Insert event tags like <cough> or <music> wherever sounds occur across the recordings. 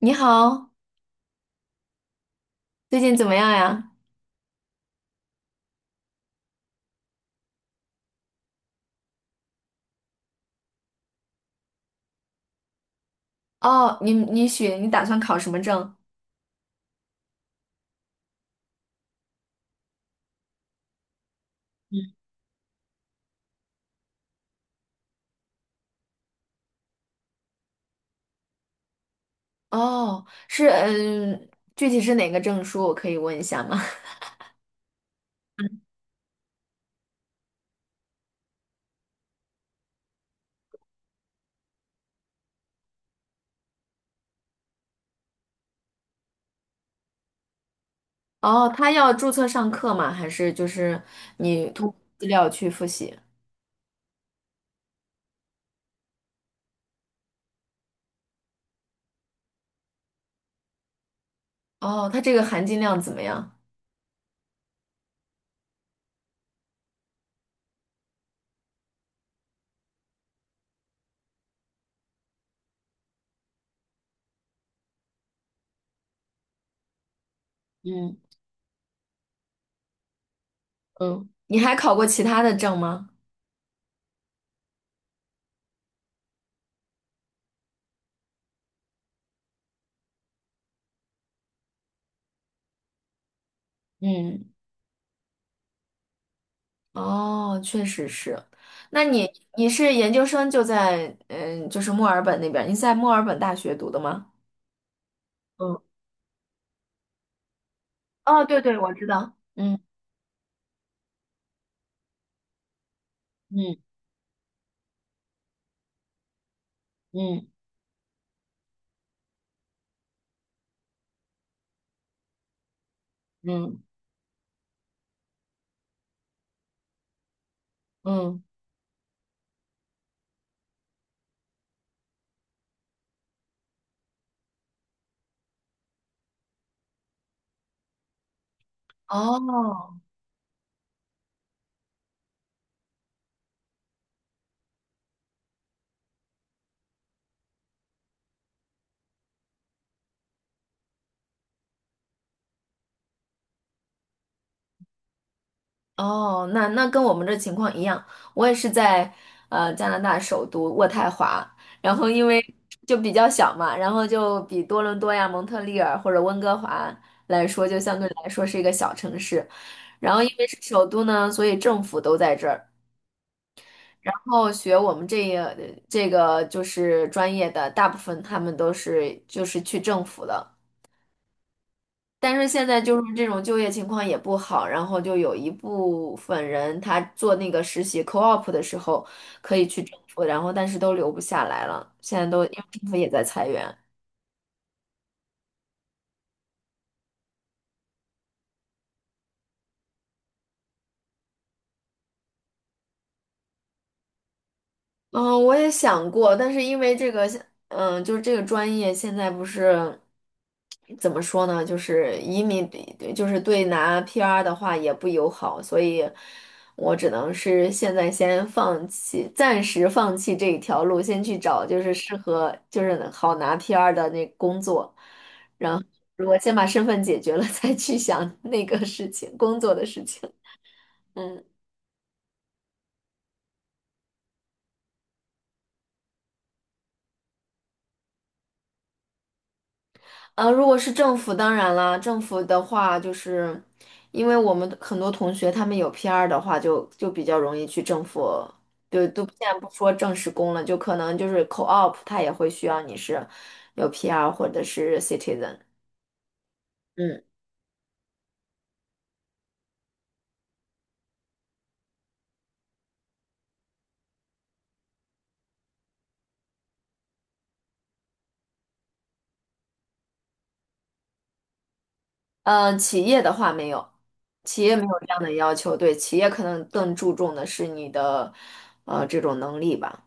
你好，最近怎么样呀？哦，你打算考什么证？哦，是嗯，具体是哪个证书？我可以问一下吗？<laughs> 哦，他要注册上课吗？还是就是你通过资料去复习？哦，他这个含金量怎么样？嗯嗯，你还考过其他的证吗？嗯，哦，确实是。那你是研究生就在就是墨尔本那边儿你在墨尔本大学读的吗？嗯，哦，对对，我知道。嗯。嗯嗯嗯嗯，哦哦，那那跟我们这情况一样，我也是在加拿大首都渥太华，然后因为就比较小嘛，然后就比多伦多呀、蒙特利尔或者温哥华来说，就相对来说是一个小城市。然后因为是首都呢，所以政府都在这儿。然后学我们这个就是专业的，大部分他们都是就是去政府的。但是现在就是这种就业情况也不好，然后就有一部分人他做那个实习 co-op 的时候可以去政府，然后但是都留不下来了，现在都因为政府也在裁员。嗯，我也想过，但是因为这个现，嗯，就是这个专业现在不是怎么说呢，就是移民，对就是对拿 PR 的话也不友好，所以我只能是现在先放弃，暂时放弃这一条路，先去找就是适合，就是好拿 PR 的那工作，然后如果先把身份解决了，<laughs> 再去想那个事情，工作的事情。嗯。呃，如果是政府，当然啦，政府的话，就是因为我们很多同学他们有 PR 的话就，就比较容易去政府，就都现在不说正式工了，就可能就是 co-op，它也会需要你是有 PR 或者是 citizen。嗯，呃，企业的话没有，企业没有这样的要求，对，企业可能更注重的是你的这种能力吧。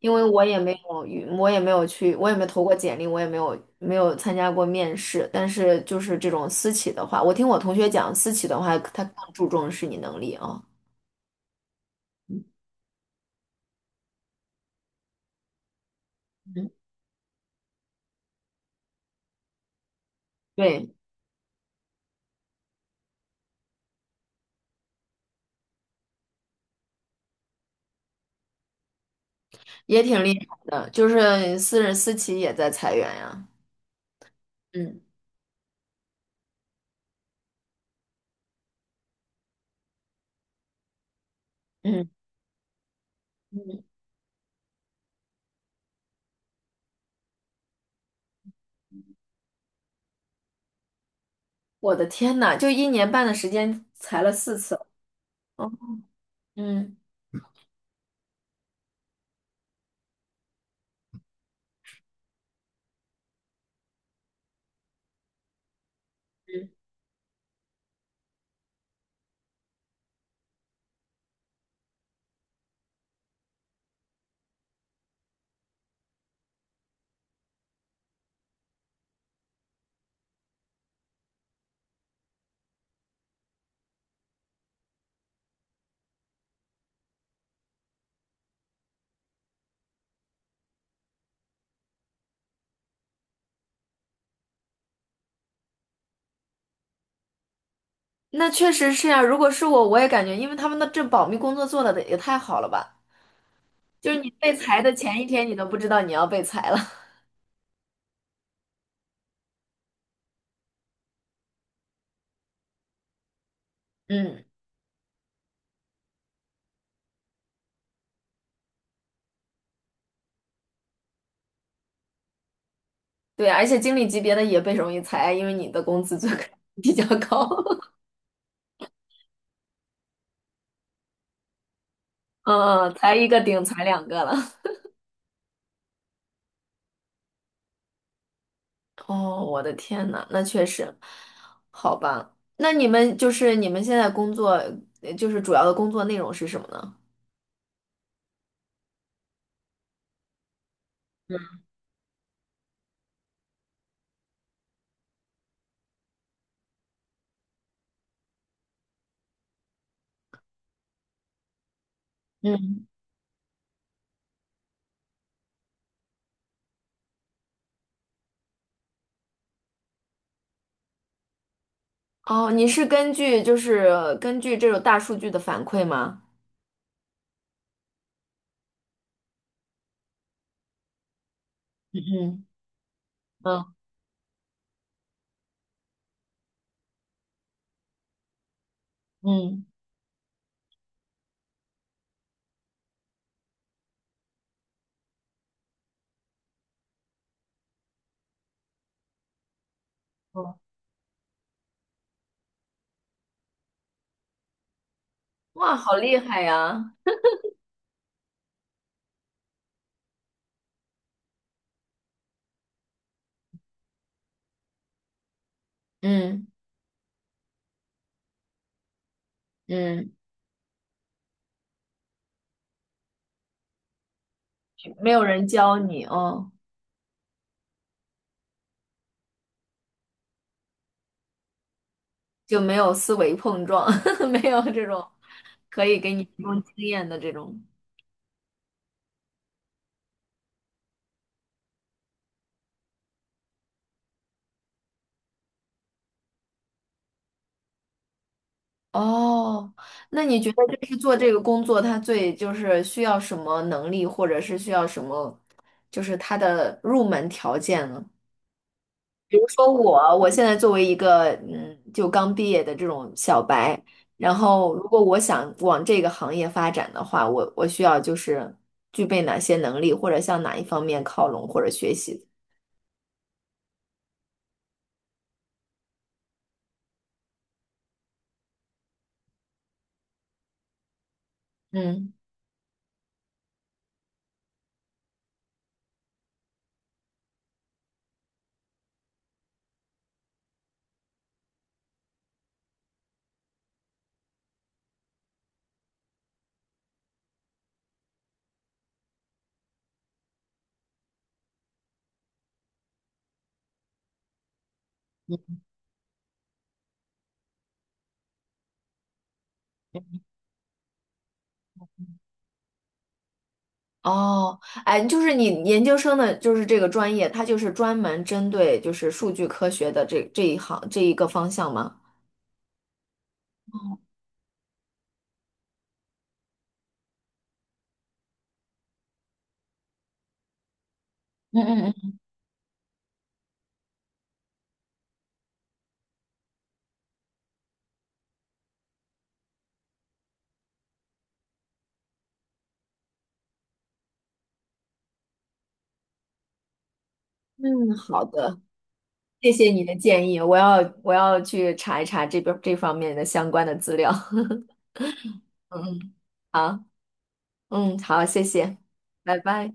因为我也没有去，我也没投过简历，我也没有参加过面试。但是就是这种私企的话，我听我同学讲，私企的话，他更注重是你能力啊。嗯，对，也挺厉害的，就是私企也在裁员呀。嗯嗯嗯，我的天呐，就一年半的时间裁了四次。嗯嗯嗯，那确实是呀、如果是我，我也感觉，因为他们的这保密工作做的也太好了吧。就是你被裁的前一天，你都不知道你要被裁了。嗯，对，而且经理级别的也被容易裁，因为你的工资就 <laughs> 比较高。<laughs> 嗯嗯，裁一个顶裁两个了。哦，我的天呐，那确实，好吧。那你们就是你们现在工作，就是主要的工作内容是什么呢？嗯，哦，你是根据就是根据这种大数据的反馈吗？嗯嗯嗯，嗯哇，好厉害呀！嗯嗯，没有人教你哦，就没有思维碰撞，<laughs> 没有这种。可以给你提供经验的这种。哦，那你觉得就是做这个工作，它最就是需要什么能力，或者是需要什么，就是它的入门条件呢？比如说我，我现在作为一个嗯，就刚毕业的这种小白，然后如果我想往这个行业发展的话，我需要就是具备哪些能力，或者向哪一方面靠拢或者学习？嗯。哦，哎，就是你研究生的，就是这个专业，它就是专门针对就是数据科学的这一行这一个方向吗？嗯嗯嗯。嗯，好的，谢谢你的建议，我要去查一查这边这方面的相关的资料。<laughs> 嗯嗯，好，嗯，好，谢谢，拜拜。